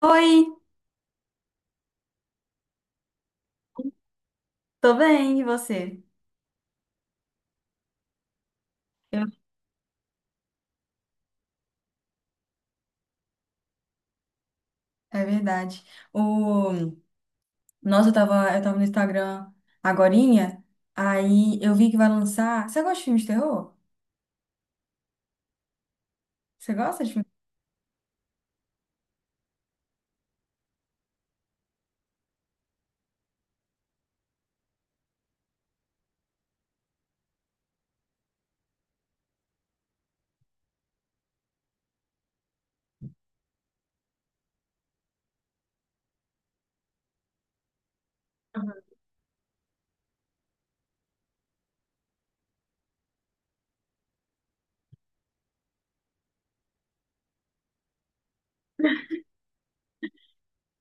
Oi, tô bem, e você? Eu- É verdade. O... Nossa, eu tava no Instagram agorinha, aí eu vi que vai lançar. Você gosta de filme de terror? Você gosta de filme?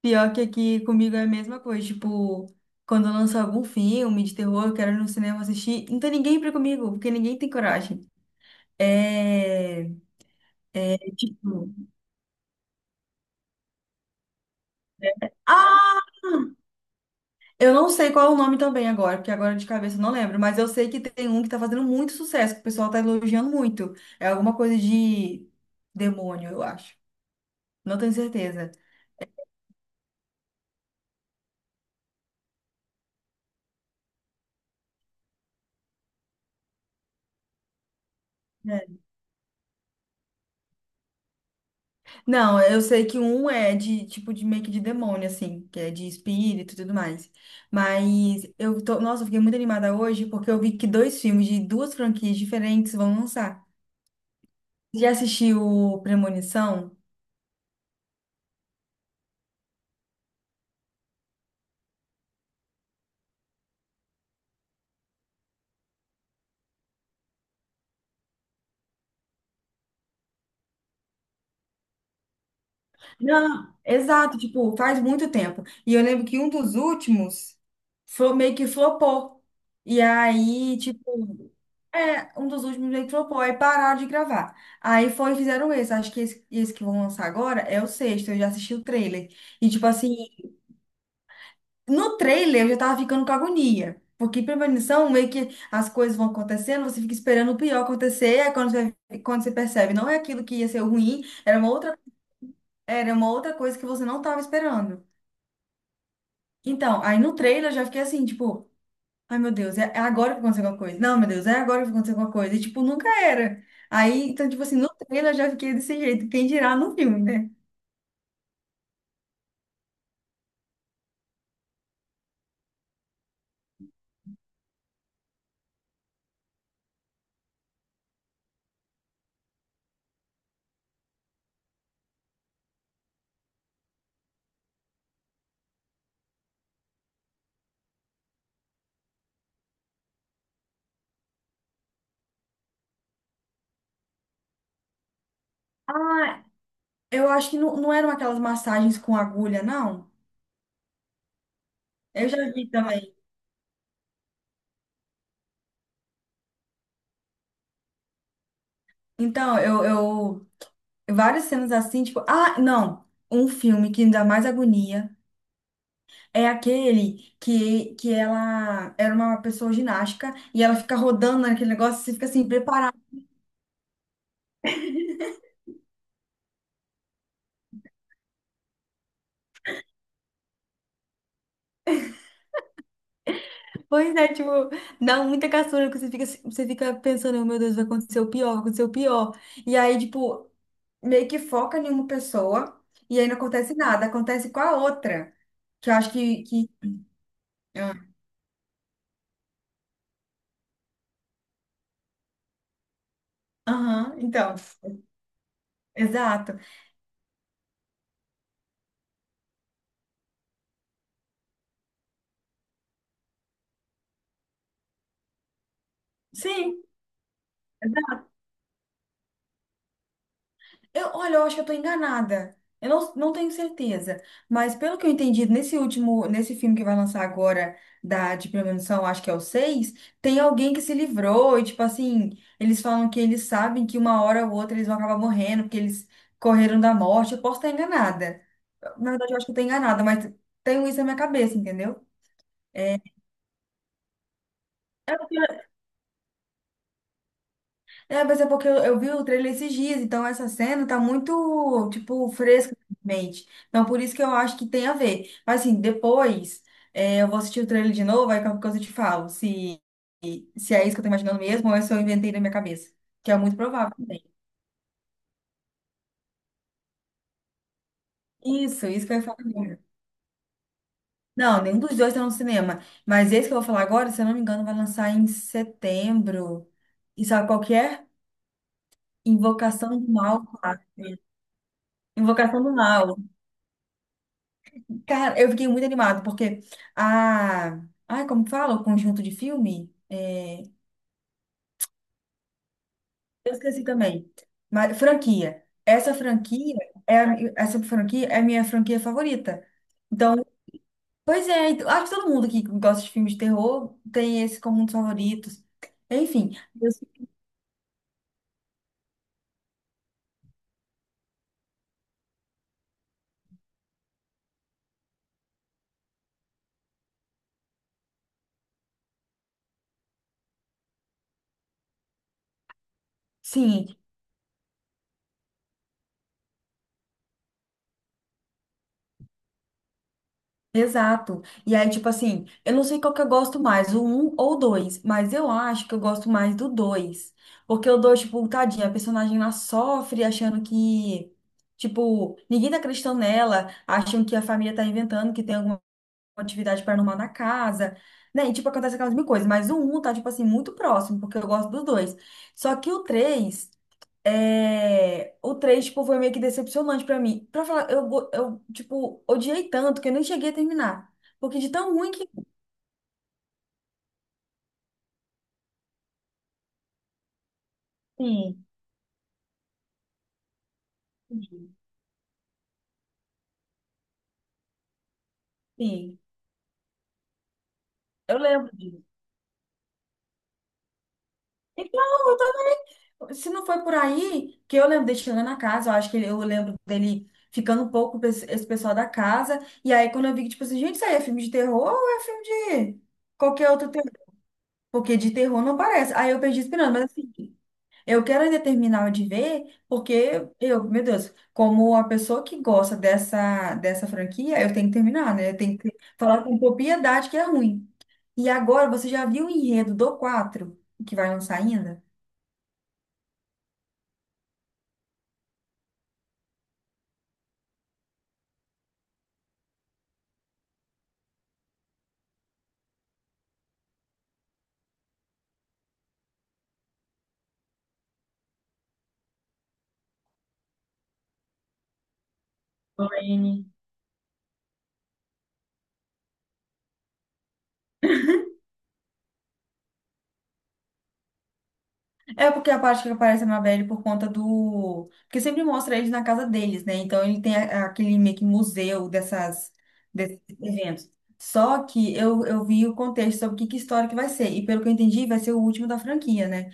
Pior que aqui comigo é a mesma coisa. Tipo, quando lança algum filme de terror, eu quero ir no cinema assistir. Não tem ninguém pra ir comigo, porque ninguém tem coragem. É. É tipo. Ah! Eu não sei qual é o nome também agora, porque agora de cabeça eu não lembro, mas eu sei que tem um que tá fazendo muito sucesso, que o pessoal tá elogiando muito. É alguma coisa de demônio, eu acho. Não tenho certeza. É. Não, eu sei que um é de tipo de meio que de demônio, assim, que é de espírito e tudo mais. Mas eu tô, nossa, eu fiquei muito animada hoje porque eu vi que dois filmes de duas franquias diferentes vão lançar. Já assistiu Premonição? Não, exato, tipo, faz muito tempo. E eu lembro que um dos últimos meio que flopou. E aí, tipo, um dos últimos meio que flopou, aí pararam de gravar. Aí foi e fizeram esse. Acho que esse que vão lançar agora é o sexto, eu já assisti o trailer. E, tipo assim, no trailer eu já tava ficando com agonia. Porque premonição, meio que as coisas vão acontecendo, você fica esperando o pior acontecer, aí quando você percebe, não é aquilo que ia ser o ruim, era era uma outra coisa que você não tava esperando. Então, aí no trailer eu já fiquei assim, tipo, ai meu Deus, é agora que vai acontecer alguma coisa. Não, meu Deus, é agora que vai acontecer alguma coisa. E tipo, nunca era. Aí, então, tipo assim, no trailer eu já fiquei desse jeito. Quem dirá no filme, né? Ah, eu acho que não, não eram aquelas massagens com agulha, não. Eu já vi também. Então, várias cenas assim, tipo, ah, não. Um filme que me dá mais agonia é aquele que ela era uma pessoa ginástica e ela fica rodando naquele negócio, você fica assim, preparada. Pois é, tipo, dá muita caçura, que você fica pensando: "Oh, meu Deus, vai acontecer o pior, vai acontecer o pior." E aí, tipo, meio que foca em uma pessoa e aí não acontece nada, acontece com a outra. Que eu acho que... ah, Aham, então, exato. Sim. Eu, olha, eu acho que eu tô enganada. Eu não, não tenho certeza. Mas pelo que eu entendi, nesse último, nesse filme que vai lançar agora da de premonição, acho que é o seis, tem alguém que se livrou, e tipo assim, eles falam que eles sabem que uma hora ou outra eles vão acabar morrendo, porque eles correram da morte. Eu posso estar enganada. Na verdade, eu acho que eu tô enganada, mas tenho isso na minha cabeça, entendeu? É, mas é porque eu vi o trailer esses dias, então essa cena tá muito, tipo, fresca na minha mente. Então, por isso que eu acho que tem a ver. Mas, assim, depois eu vou assistir o trailer de novo, aí qualquer coisa eu te falo, se é isso que eu tô imaginando mesmo ou é se eu inventei na minha cabeça, que é muito provável também. Isso que eu ia falar agora. Não, nenhum dos dois tá no cinema. Mas esse que eu vou falar agora, se eu não me engano, vai lançar em setembro. E sabe qual que é? Invocação do Mal 4. Invocação do Mal. Cara, eu fiquei muito animada, porque a. Ai, como fala? O conjunto de filme? É, eu esqueci também. Mas, franquia. Essa franquia é essa franquia é a minha franquia favorita. Então, pois é, então, acho que todo mundo que gosta de filmes de terror tem esse como um dos favoritos. Enfim, sim. Exato. E aí, tipo assim, eu não sei qual que eu gosto mais, o um ou o 2, mas eu acho que eu gosto mais do dois. Porque o 2 tipo, tadinha, a personagem lá sofre achando que, tipo, ninguém tá acreditando nela, acham que a família tá inventando, que tem alguma atividade paranormal na casa, né? E, tipo, acontece aquelas mil coisas. Mas o um tá, tipo assim, muito próximo, porque eu gosto dos dois. Só que o 3 o 3 tipo, foi meio que decepcionante pra mim. Pra falar, tipo, odiei tanto que eu nem cheguei a terminar. Porque de tão ruim que... Sim, entendi. Sim, eu lembro disso. Então, eu também... Se não foi por aí, que eu lembro dele chegando na casa, eu acho que eu lembro dele ficando um pouco com esse pessoal da casa. E aí, quando eu vi que, tipo assim, gente, isso aí é filme de terror ou é filme de qualquer outro terror? Porque de terror não parece. Aí eu perdi esperando, mas assim... Eu quero ainda terminar de ver, porque eu, meu Deus, como a pessoa que gosta dessa franquia, eu tenho que terminar, né? Eu tenho que falar com propriedade que é ruim. E agora, você já viu o enredo do 4 que vai lançar ainda? Lorraine. É porque a parte que aparece a Mabel por conta do. Porque sempre mostra eles na casa deles, né? Então ele tem aquele meio que museu dessas, desses eventos. Só que eu vi o contexto sobre que história que vai ser. E pelo que eu entendi, vai ser o último da franquia, né?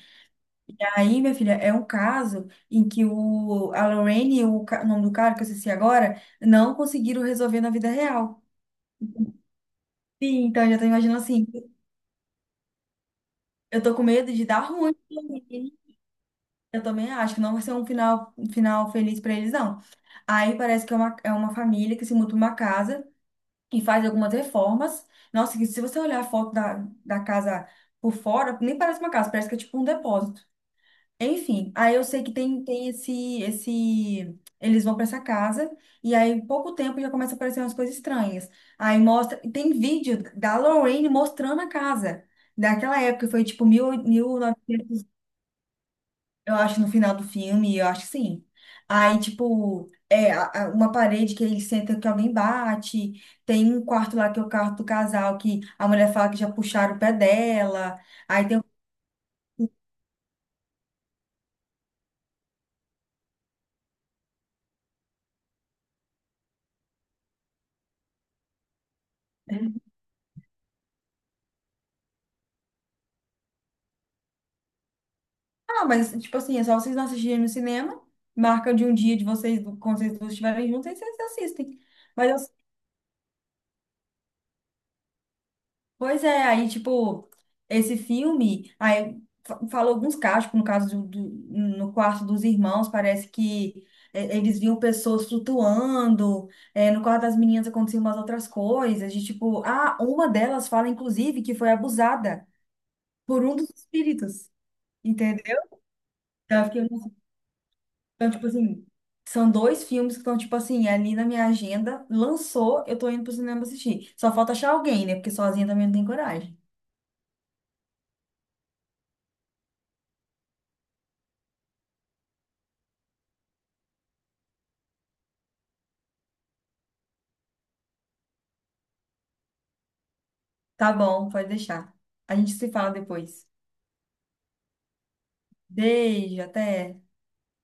Aí, minha filha, é um caso em que a Lorraine e o nome do cara, que eu esqueci agora, não conseguiram resolver na vida real. Sim, então eu já tô imaginando assim, eu tô com medo de dar ruim pra Lorraine. Eu também acho que não vai ser um final feliz pra eles, não. Aí parece que é é uma família que se muda pra uma casa e faz algumas reformas. Nossa, que se você olhar a foto da casa por fora, nem parece uma casa, parece que é tipo um depósito. Enfim, aí eu sei que tem esse. Eles vão pra essa casa, e aí, em pouco tempo, já começa a aparecer umas coisas estranhas. Aí mostra. E tem vídeo da Lorraine mostrando a casa. Daquela época, foi tipo 1000, 1900, eu acho, no final do filme, eu acho que sim. Aí, tipo, é uma parede que ele senta que alguém bate. Tem um quarto lá que é o quarto do casal, que a mulher fala que já puxaram o pé dela. Aí tem um Ah, mas, tipo assim, é só vocês não assistirem no cinema. Marca de um dia de vocês, quando vocês duas estiverem juntos, aí vocês assistem. Mas, pois é, aí, tipo, esse filme, aí falou alguns casos, tipo, no quarto dos irmãos, parece que eles viam pessoas flutuando, é, no quarto das meninas aconteciam umas outras coisas, de tipo, ah, uma delas fala, inclusive, que foi abusada por um dos espíritos, entendeu? Então, tipo assim, são dois filmes que estão, tipo assim, ali na minha agenda. Lançou, eu tô indo pro cinema assistir. Só falta achar alguém, né? Porque sozinha também não tem coragem. Tá bom, pode deixar. A gente se fala depois. Beijo, até.